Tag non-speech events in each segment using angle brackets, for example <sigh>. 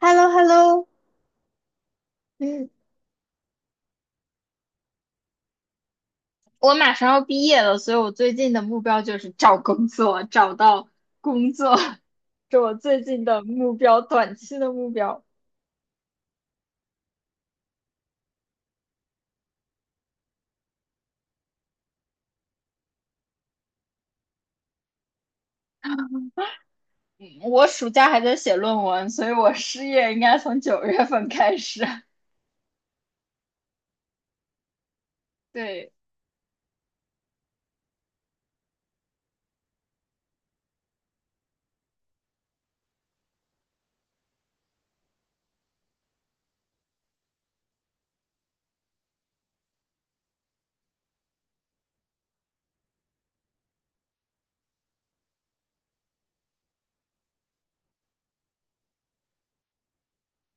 h e l l o h e l l o 嗯，我马上要毕业了，所以我最近的目标就是找工作，找到工作，<laughs> 是我最近的目标，短期的目标。嗯，我暑假还在写论文，所以我失业应该从九月份开始。<laughs> 对，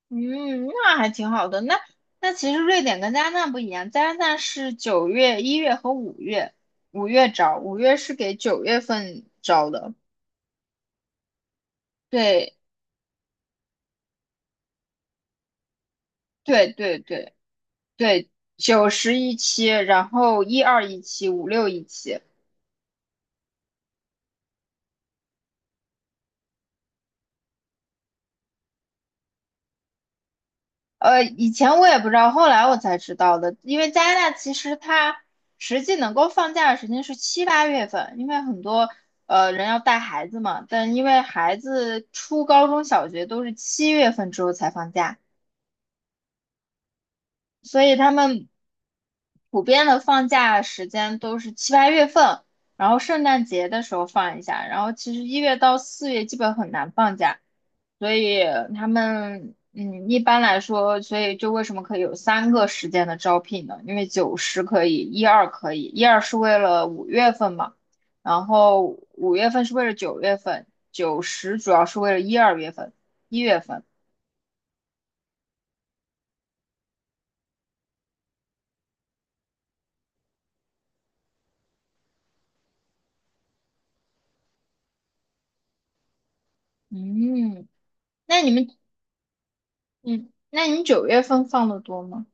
嗯，那还挺好的。那其实瑞典跟加拿大不一样，加拿大是九月、一月和五月，五月招，五月是给九月份招的。对对对对，对，九十一期，然后一二一期，五六一期。以前我也不知道，后来我才知道的。因为加拿大其实它实际能够放假的时间是七八月份，因为很多人要带孩子嘛，但因为孩子初高中小学都是七月份之后才放假，所以他们普遍的放假时间都是七八月份，然后圣诞节的时候放一下，然后其实一月到四月基本很难放假，所以他们一般来说，所以就为什么可以有三个时间的招聘呢？因为九十可以，一二可以，一二是为了五月份嘛，然后五月份是为了九月份，九十主要是为了一二月份，一月份，嗯。那你们嗯，那你九月份放的多吗？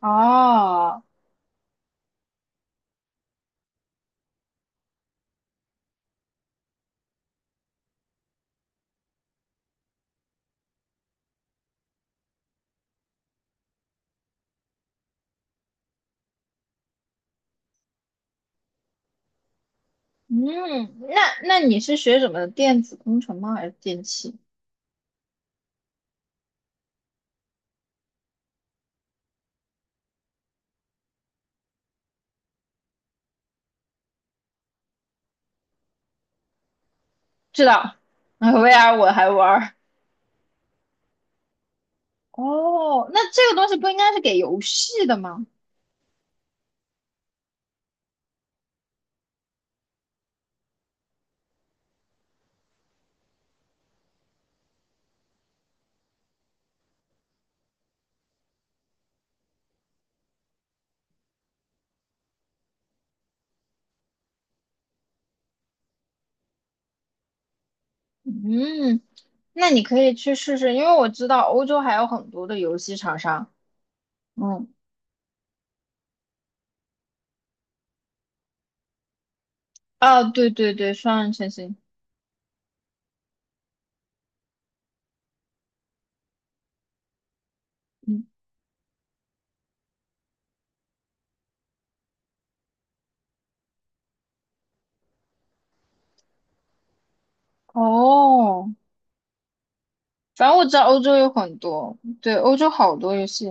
哦，嗯，那你是学什么的？电子工程吗？还是电器？知道，那 VR 我还玩儿。哦，那这个东西不应该是给游戏的吗？嗯，那你可以去试试，因为我知道欧洲还有很多的游戏厂商。嗯，啊，对对对，双人成行。嗯，哦，反正我知道欧洲有很多，对，欧洲好多游戏。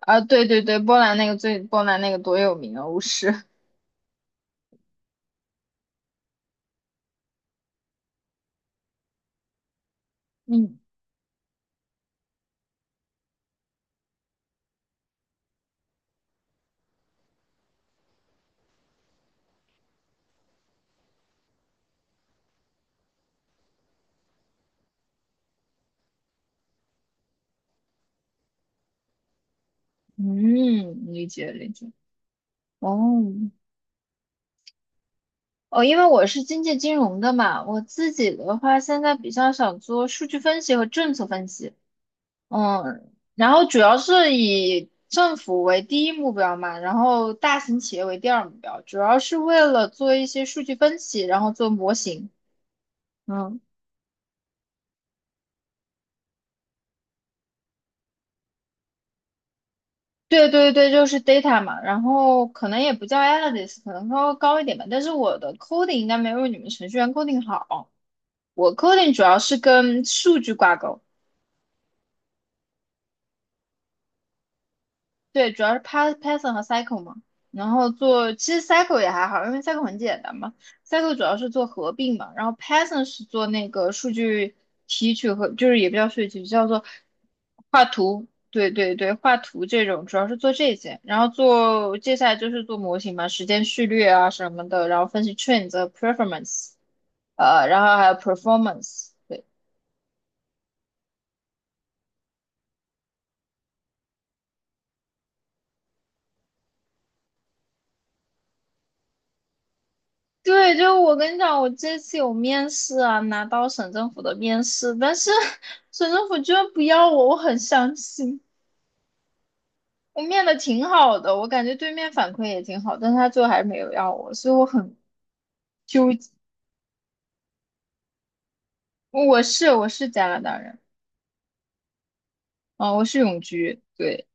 啊，对对对，波兰那个多有名啊，巫师。嗯嗯，理解理解。哦哦，因为我是经济金融的嘛，我自己的话现在比较想做数据分析和政策分析。嗯，然后主要是以政府为第一目标嘛，然后大型企业为第二目标，主要是为了做一些数据分析，然后做模型。嗯。对对对，就是 data 嘛，然后可能也不叫 analyst，可能稍微高一点吧。但是我的 coding 应该没有你们程序员 coding 好，我 coding 主要是跟数据挂钩。对，主要是 Python 和 Cycle 嘛，然后做其实 Cycle 也还好，因为 Cycle 很简单嘛。Cycle 主要是做合并嘛，然后 Python 是做那个数据提取和就是也不叫数据提取，叫做画图。对对对，画图这种主要是做这些，然后做接下来就是做模型嘛，时间序列啊什么的，然后分析 trends、performance，然后还有 performance。对。对，就我跟你讲，我这次有面试啊，拿到省政府的面试，但是 <laughs> 省政府居然不要我，我很伤心。我面的挺好的，我感觉对面反馈也挺好，但是他最后还是没有要我，所以我很纠结。我是加拿大人，啊、我是永居，对，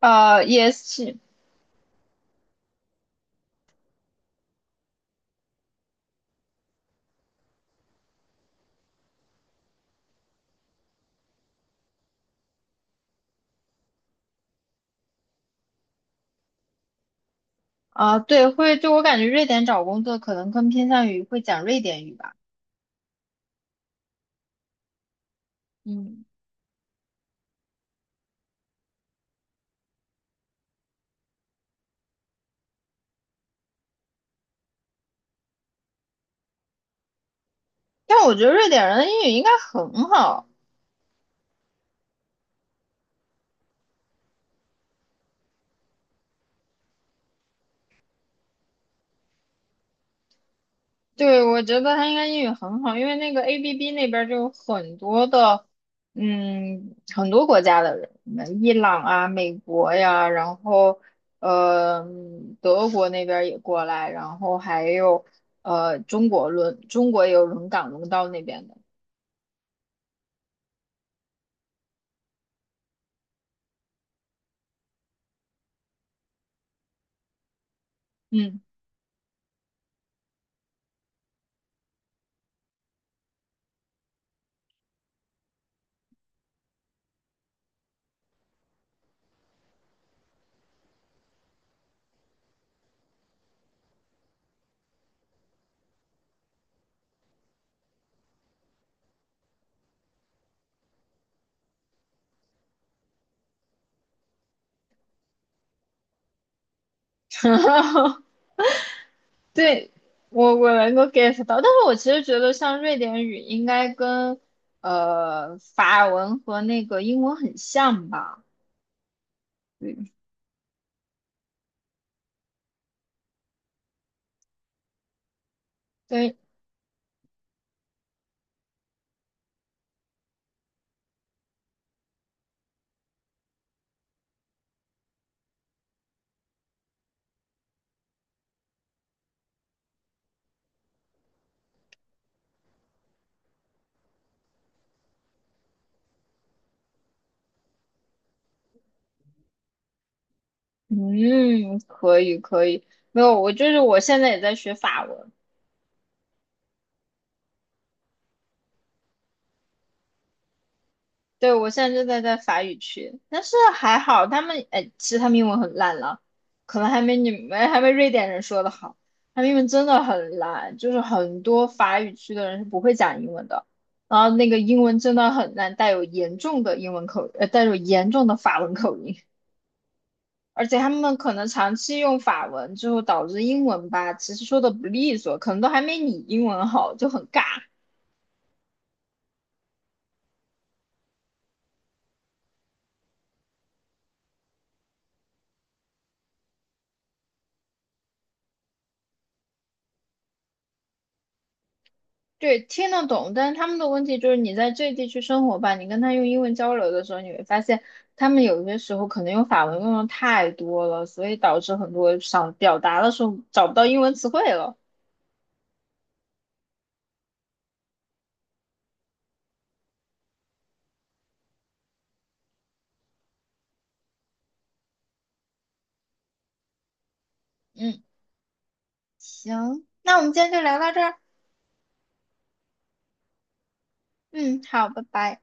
呃，S 是，啊、对，会，就我感觉瑞典找工作可能更偏向于会讲瑞典语吧，嗯，但我觉得瑞典人的英语应该很好。对，我觉得他应该英语很好，因为那个 ABB 那边儿就有很多的，嗯，很多国家的人，嗯伊朗啊、美国呀，然后呃，德国那边儿也过来，然后还有中国也有轮岗轮到那边的，嗯，<laughs> 对，我能够 get 到，但是我其实觉得像瑞典语应该跟法文和那个英文很像吧，对。嗯，可以可以，没有，我就是我现在也在学法文，对，我现在正在法语区，但是还好他们，哎，其实他们英文很烂了，可能还没瑞典人说的好，他们英文真的很烂，就是很多法语区的人是不会讲英文的，然后那个英文真的很烂，带有严重的法文口音，而且他们可能长期用法文之后导致英文吧，其实说的不利索，可能都还没你英文好，就很尬。对，听得懂，但是他们的问题就是你在这地区生活吧，你跟他用英文交流的时候，你会发现他们有些时候可能用法文用的太多了，所以导致很多想表达的时候找不到英文词汇了。嗯，行，那我们今天就聊到这儿。嗯，好，拜拜。